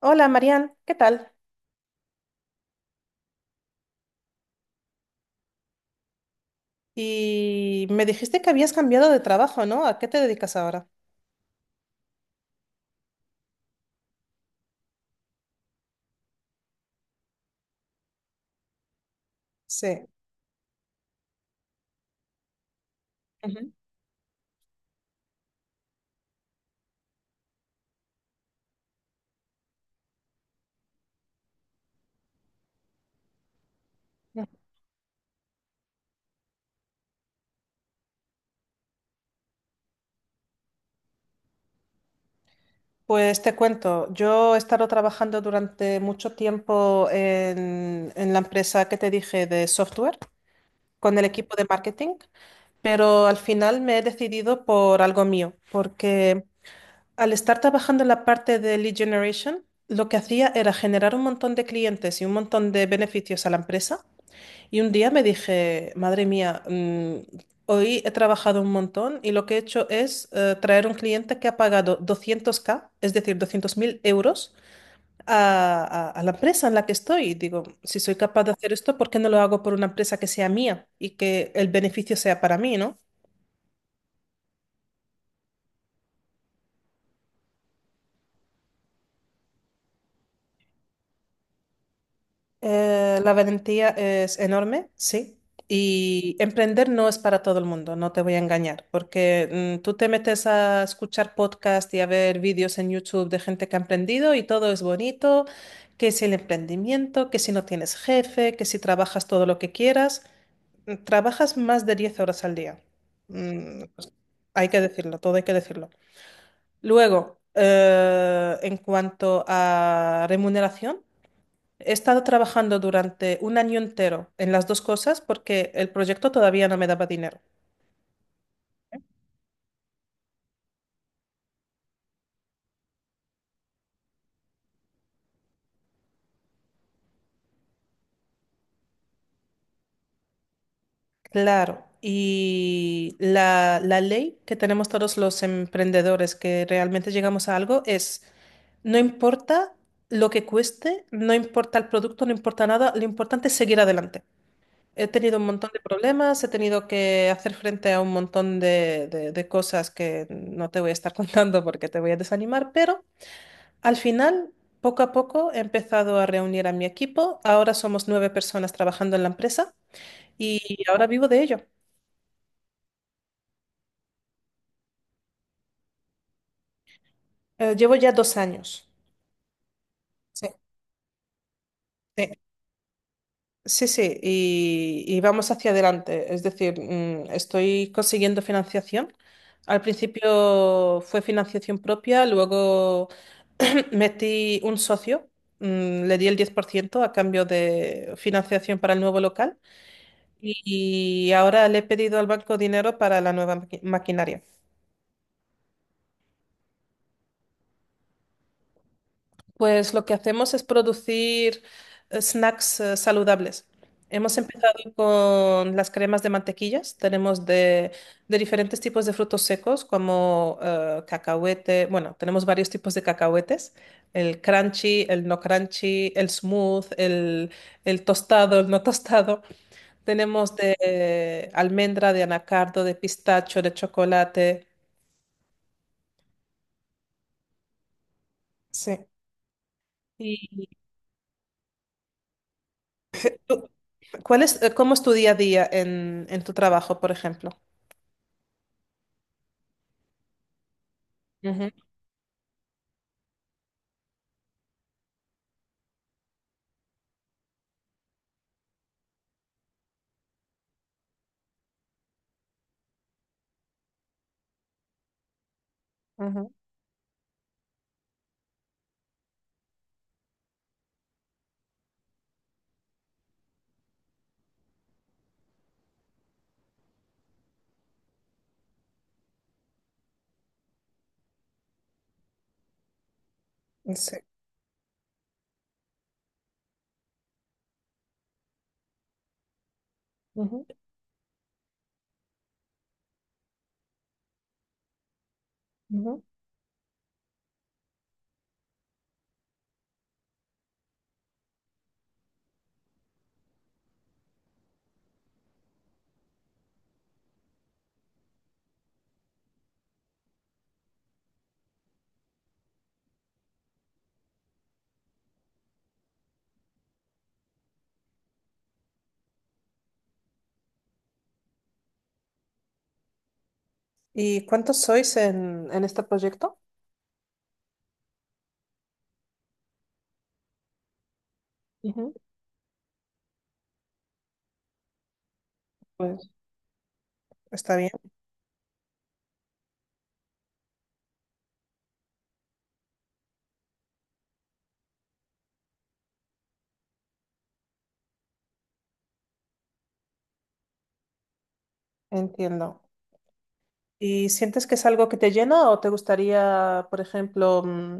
Hola, Marian, ¿qué tal? Y me dijiste que habías cambiado de trabajo, ¿no? ¿A qué te dedicas ahora? Sí. Ujú. Pues te cuento, yo he estado trabajando durante mucho tiempo en la empresa que te dije de software, con el equipo de marketing, pero al final me he decidido por algo mío, porque al estar trabajando en la parte de lead generation, lo que hacía era generar un montón de clientes y un montón de beneficios a la empresa. Y un día me dije, madre mía, hoy he trabajado un montón y lo que he hecho es traer un cliente que ha pagado 200k, es decir, 200.000 euros a la empresa en la que estoy. Y digo, si soy capaz de hacer esto, ¿por qué no lo hago por una empresa que sea mía y que el beneficio sea para mí, ¿no? La valentía es enorme, sí. Y emprender no es para todo el mundo, no te voy a engañar, porque tú te metes a escuchar podcast y a ver vídeos en YouTube de gente que ha emprendido y todo es bonito, que si el emprendimiento, que si no tienes jefe, que si trabajas todo lo que quieras. Trabajas más de 10 horas al día. Pues hay que decirlo, todo hay que decirlo. Luego, en cuanto a remuneración. He estado trabajando durante un año entero en las dos cosas porque el proyecto todavía no me daba dinero. Claro, y la ley que tenemos todos los emprendedores que realmente llegamos a algo es, no importa lo que cueste, no importa el producto, no importa nada, lo importante es seguir adelante. He tenido un montón de problemas, he tenido que hacer frente a un montón de, de cosas que no te voy a estar contando porque te voy a desanimar, pero... Al final, poco a poco he empezado a reunir a mi equipo. Ahora somos 9 personas trabajando en la empresa y ahora vivo de ello. Llevo ya 2 años. Sí, sí, sí, sí, y vamos hacia adelante. Es decir, estoy consiguiendo financiación. Al principio fue financiación propia, luego metí un socio. Le di el 10% a cambio de financiación para el nuevo local. Y ahora le he pedido al banco dinero para la nueva maquinaria. Pues lo que hacemos es producir snacks saludables. Hemos empezado con las cremas de mantequillas. Tenemos de diferentes tipos de frutos secos como cacahuete. Bueno, tenemos varios tipos de cacahuetes. El crunchy, el no crunchy, el smooth, el tostado, el no tostado. Tenemos de almendra, de anacardo, de pistacho, de chocolate. Sí. ¿Y tú- cuál es, cómo es tu día a día en tu trabajo, por ejemplo? Ujú, ujú. Sí. Ujú, ujú. ¿Y cuántos sois en este proyecto? Ujú. Pues está bien, entiendo. ¿Y sientes que es algo que te llena o te gustaría, por ejemplo,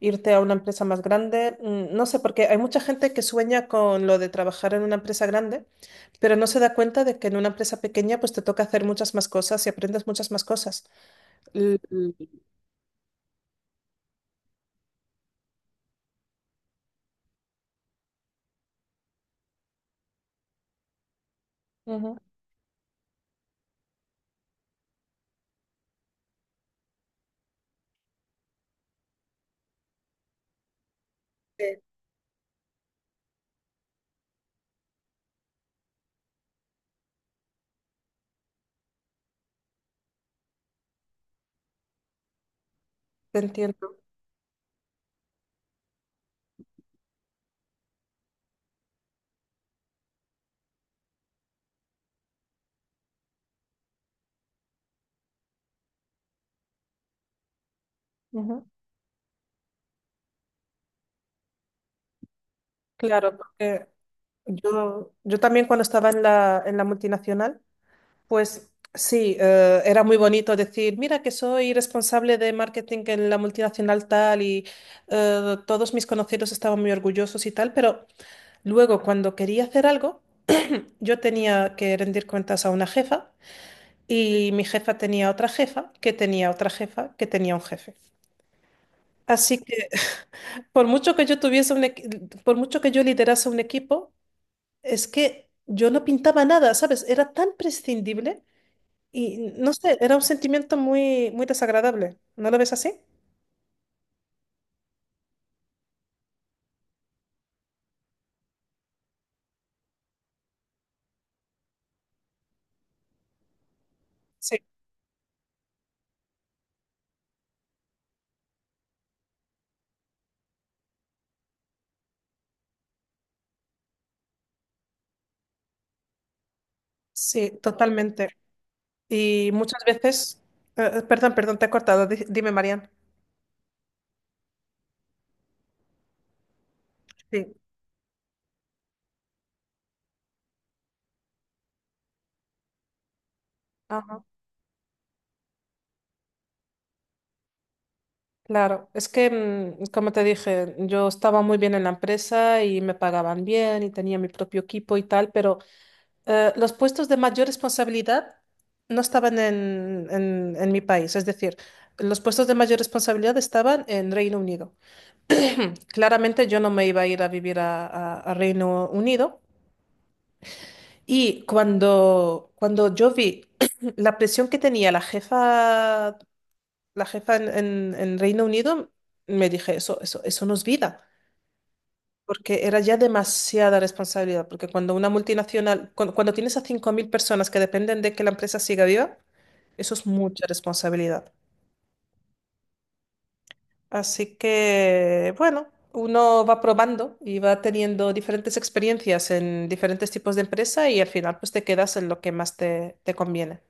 irte a una empresa más grande? No sé, porque hay mucha gente que sueña con lo de trabajar en una empresa grande, pero no se da cuenta de que en una empresa pequeña pues te toca hacer muchas más cosas y aprendes muchas más cosas. L- l- Ujú. Te entiendo. Ujú. Claro, porque yo también cuando estaba en la multinacional, pues sí, era muy bonito decir, mira que soy responsable de marketing en la multinacional tal y todos mis conocidos estaban muy orgullosos y tal, pero luego cuando quería hacer algo, yo tenía que rendir cuentas a una jefa y mi jefa tenía otra jefa, que tenía otra jefa, que tenía un jefe. Así que por mucho que yo tuviese un por mucho que yo liderase un equipo, es que yo no pintaba nada, ¿sabes? Era tan prescindible y no sé, era un sentimiento muy, muy desagradable. ¿No lo ves así? Sí, sí, totalmente. Y muchas veces, perdón, perdón, te he cortado. Dime, Marian. Sí. Ajá. Claro, es que, como te dije, yo estaba muy bien en la empresa y me pagaban bien y tenía mi propio equipo y tal, pero los puestos de mayor responsabilidad no estaban en, en mi país, es decir, los puestos de mayor responsabilidad estaban en Reino Unido. Claramente yo no me iba a ir a vivir a, a Reino Unido y cuando yo vi la presión que tenía la jefa en, en Reino Unido, me dije, eso no es vida. Porque era ya demasiada responsabilidad, porque cuando una multinacional, cuando tienes a 5.000 personas que dependen de que la empresa siga viva, eso es mucha responsabilidad. Así que, bueno, uno va probando y va teniendo diferentes experiencias en diferentes tipos de empresa y al final pues te quedas en lo que más te, te conviene.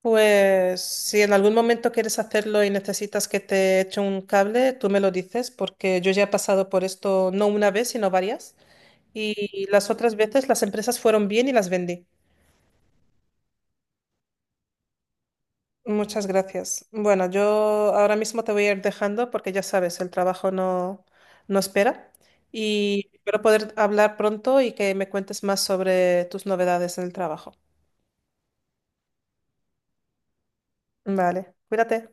Pues si en algún momento quieres hacerlo y necesitas que te eche un cable, tú me lo dices porque yo ya he pasado por esto no una vez, sino varias. Y las otras veces las empresas fueron bien y las vendí. Muchas gracias. Bueno, yo ahora mismo te voy a ir dejando porque ya sabes, el trabajo no, no espera y espero poder hablar pronto y que me cuentes más sobre tus novedades en el trabajo. Vale, cuídate.